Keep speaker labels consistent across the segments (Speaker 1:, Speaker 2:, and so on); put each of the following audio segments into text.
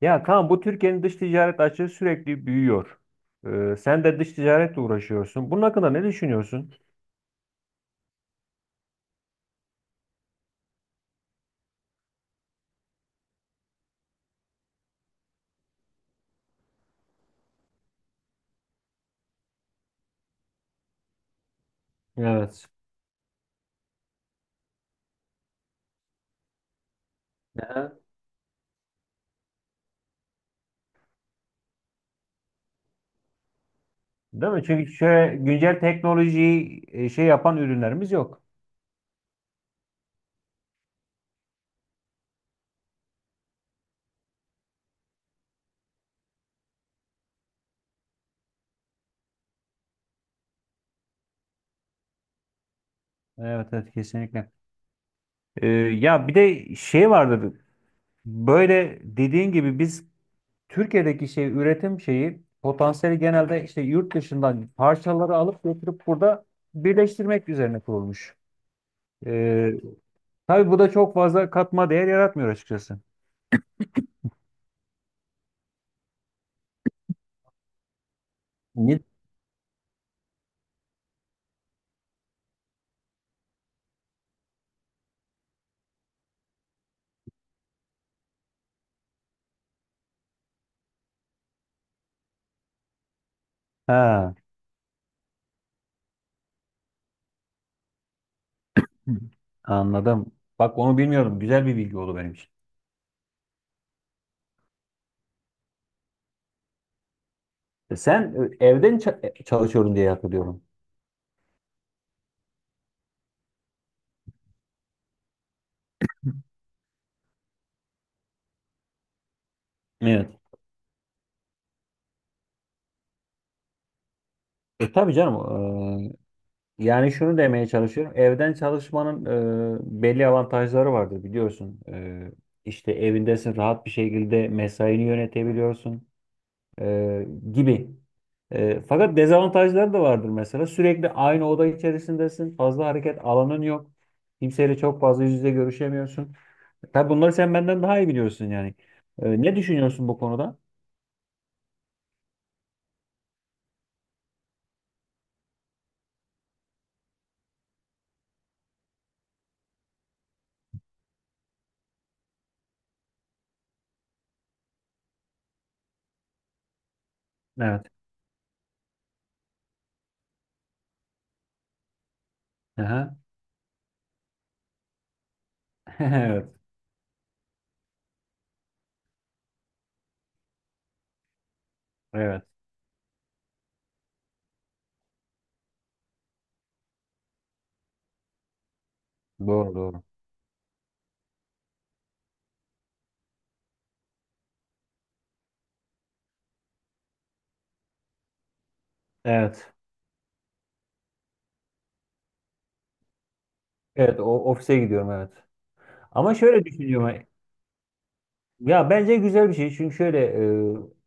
Speaker 1: Ya tamam, bu Türkiye'nin dış ticaret açığı sürekli büyüyor. Sen de dış ticaretle uğraşıyorsun. Bunun hakkında ne düşünüyorsun? Evet. Aha. Değil mi? Çünkü şöyle güncel teknolojiyi şey yapan ürünlerimiz yok. Evet, evet, kesinlikle. Ya bir de şey vardı. Böyle dediğin gibi biz Türkiye'deki şey üretim şeyi potansiyeli genelde işte yurt dışından parçaları alıp getirip burada birleştirmek üzerine kurulmuş. Ee, tabii bu da çok fazla katma değer yaratmıyor açıkçası. Ne? Ha. Hı. Anladım. Bak, onu bilmiyorum. Güzel bir bilgi oldu benim için. E, sen evden çalışıyorum diye hatırlıyorum. Evet. E, tabii canım. Yani şunu demeye çalışıyorum. Evden çalışmanın belli avantajları vardır biliyorsun. E, işte evindesin, rahat bir şekilde mesaini yönetebiliyorsun e, gibi. E, fakat dezavantajları da vardır mesela. Sürekli aynı oda içerisindesin. Fazla hareket alanın yok. Kimseyle çok fazla yüz yüze görüşemiyorsun. Tabii bunları sen benden daha iyi biliyorsun yani. Ne düşünüyorsun bu konuda? Evet. Aha. Evet. Evet. Doğru, doğru. Evet. Evet, o ofise gidiyorum, evet. Ama şöyle düşünüyorum. Ya bence güzel bir şey. Çünkü şöyle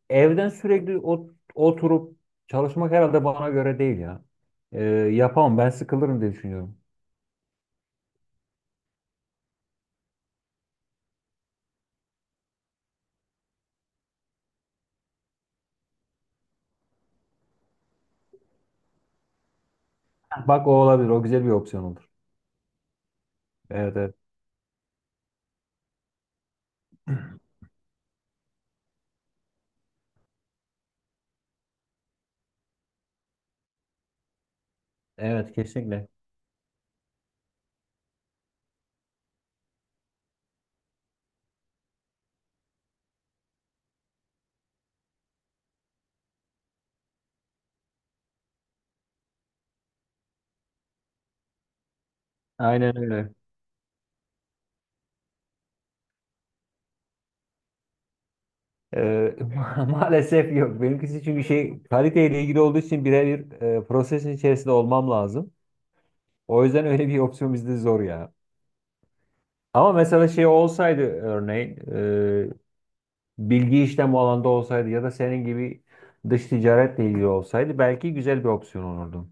Speaker 1: evden sürekli oturup çalışmak herhalde bana göre değil ya. E, yapamam, ben sıkılırım diye düşünüyorum. Bak, o olabilir. O güzel bir opsiyon olur. Evet, evet. Evet, kesinlikle. Aynen öyle. Maalesef yok. Benimkisi çünkü şey, kaliteyle ilgili olduğu için birebir prosesin içerisinde olmam lazım. O yüzden öyle bir opsiyon bizde zor ya. Ama mesela şey olsaydı örneğin e, bilgi işlem bu alanda olsaydı ya da senin gibi dış ticaretle ilgili olsaydı belki güzel bir opsiyon olurdu.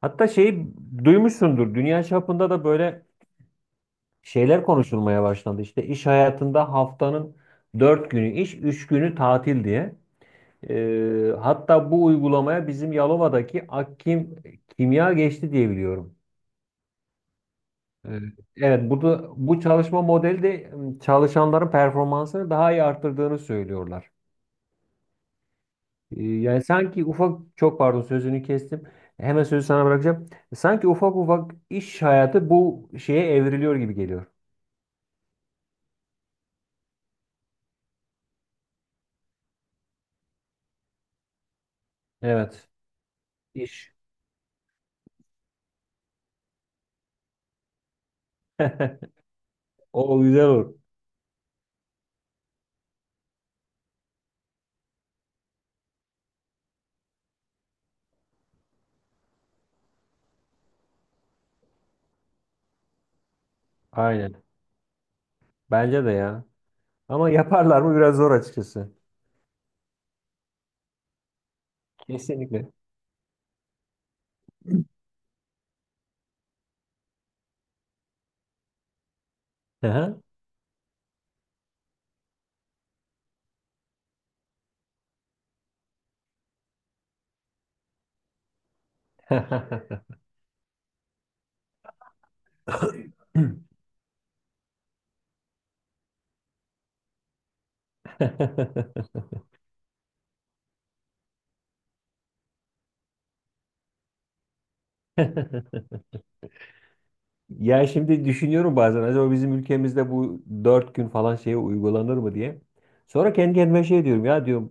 Speaker 1: Hatta şeyi duymuşsundur. Dünya çapında da böyle şeyler konuşulmaya başlandı. İşte iş hayatında haftanın 4 günü iş, 3 günü tatil diye. Hatta bu uygulamaya bizim Yalova'daki Akkim Kimya geçti diye biliyorum. Ee, Evet, burada bu çalışma modeli de çalışanların performansını daha iyi arttırdığını söylüyorlar. Yani sanki ufak, çok pardon sözünü kestim. Hemen sözü sana bırakacağım. Sanki ufak ufak iş hayatı bu şeye evriliyor gibi geliyor. Evet. İş. O güzel olur. Aynen. Bence de ya. Ama yaparlar mı, biraz zor açıkçası. Kesinlikle. Hı hı. Ya şimdi düşünüyorum bazen, acaba bizim ülkemizde bu dört gün falan şeye uygulanır mı diye. Sonra kendi kendime şey diyorum, ya diyorum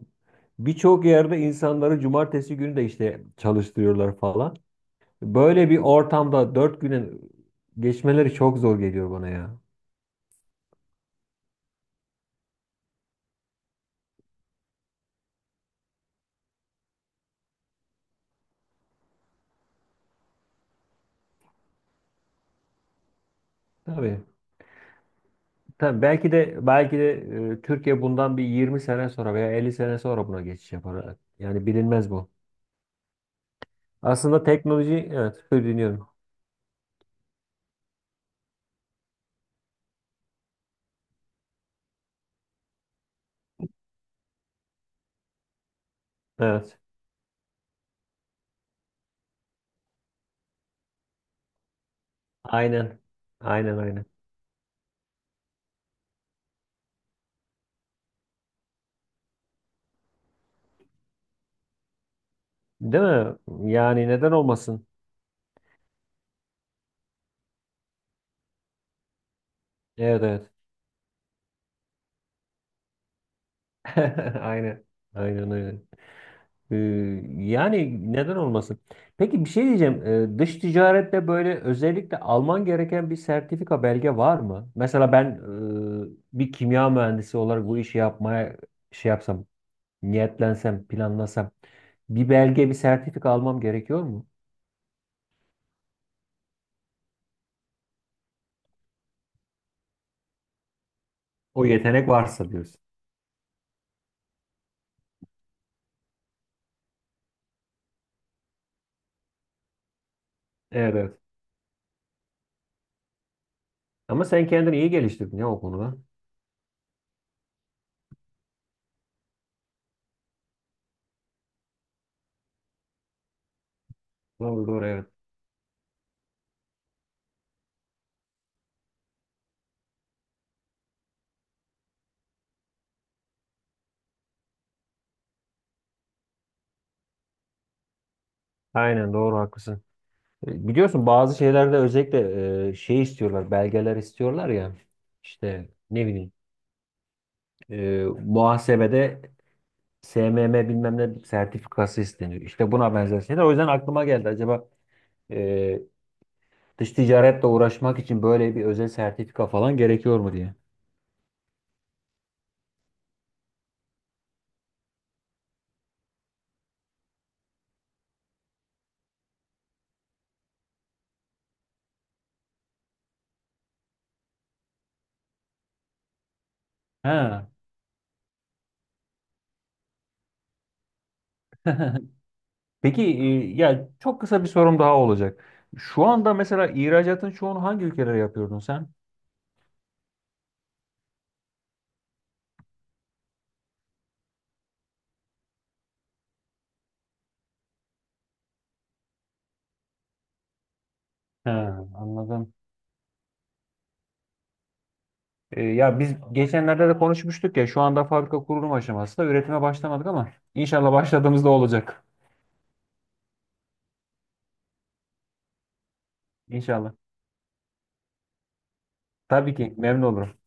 Speaker 1: birçok yerde insanları cumartesi günü de işte çalıştırıyorlar falan. Böyle bir ortamda dört güne geçmeleri çok zor geliyor bana ya. Tabii. Tabii belki de, belki de, Türkiye bundan bir 20 sene sonra veya 50 sene sonra buna geçiş yapar. Yani bilinmez bu. Aslında teknoloji, evet, dinliyorum. Evet. Aynen. Aynen, aynen. Değil mi? Yani neden olmasın? Evet, evet. Aynen. Aynen, aynen. Ee, Yani neden olmasın? Peki, bir şey diyeceğim. Dış ticarette böyle özellikle alman gereken bir sertifika, belge var mı? Mesela ben bir kimya mühendisi olarak bu işi yapmaya şey yapsam, niyetlensem, planlasam bir belge, bir sertifika almam gerekiyor mu? O yetenek varsa diyorsun. Evet, evet. Ama sen kendini iyi geliştirdin ya o konuda. Doğru, doğru, evet. Aynen, doğru, haklısın. E, biliyorsun bazı şeylerde özellikle şey istiyorlar, belgeler istiyorlar ya. İşte ne bileyim, muhasebede SMM bilmem ne sertifikası isteniyor. İşte buna benzer şeyler. O yüzden aklıma geldi. Acaba e, dış ticaretle uğraşmak için böyle bir özel sertifika falan gerekiyor mu diye. Ha. Peki, ya çok kısa bir sorum daha olacak. Şu anda mesela ihracatın çoğunu hangi ülkelere yapıyordun sen? Ha, anladım. E, ya biz geçenlerde de konuşmuştuk ya, şu anda fabrika kurulum aşamasında, üretime başlamadık ama inşallah başladığımızda olacak. İnşallah. Tabii ki memnun olurum.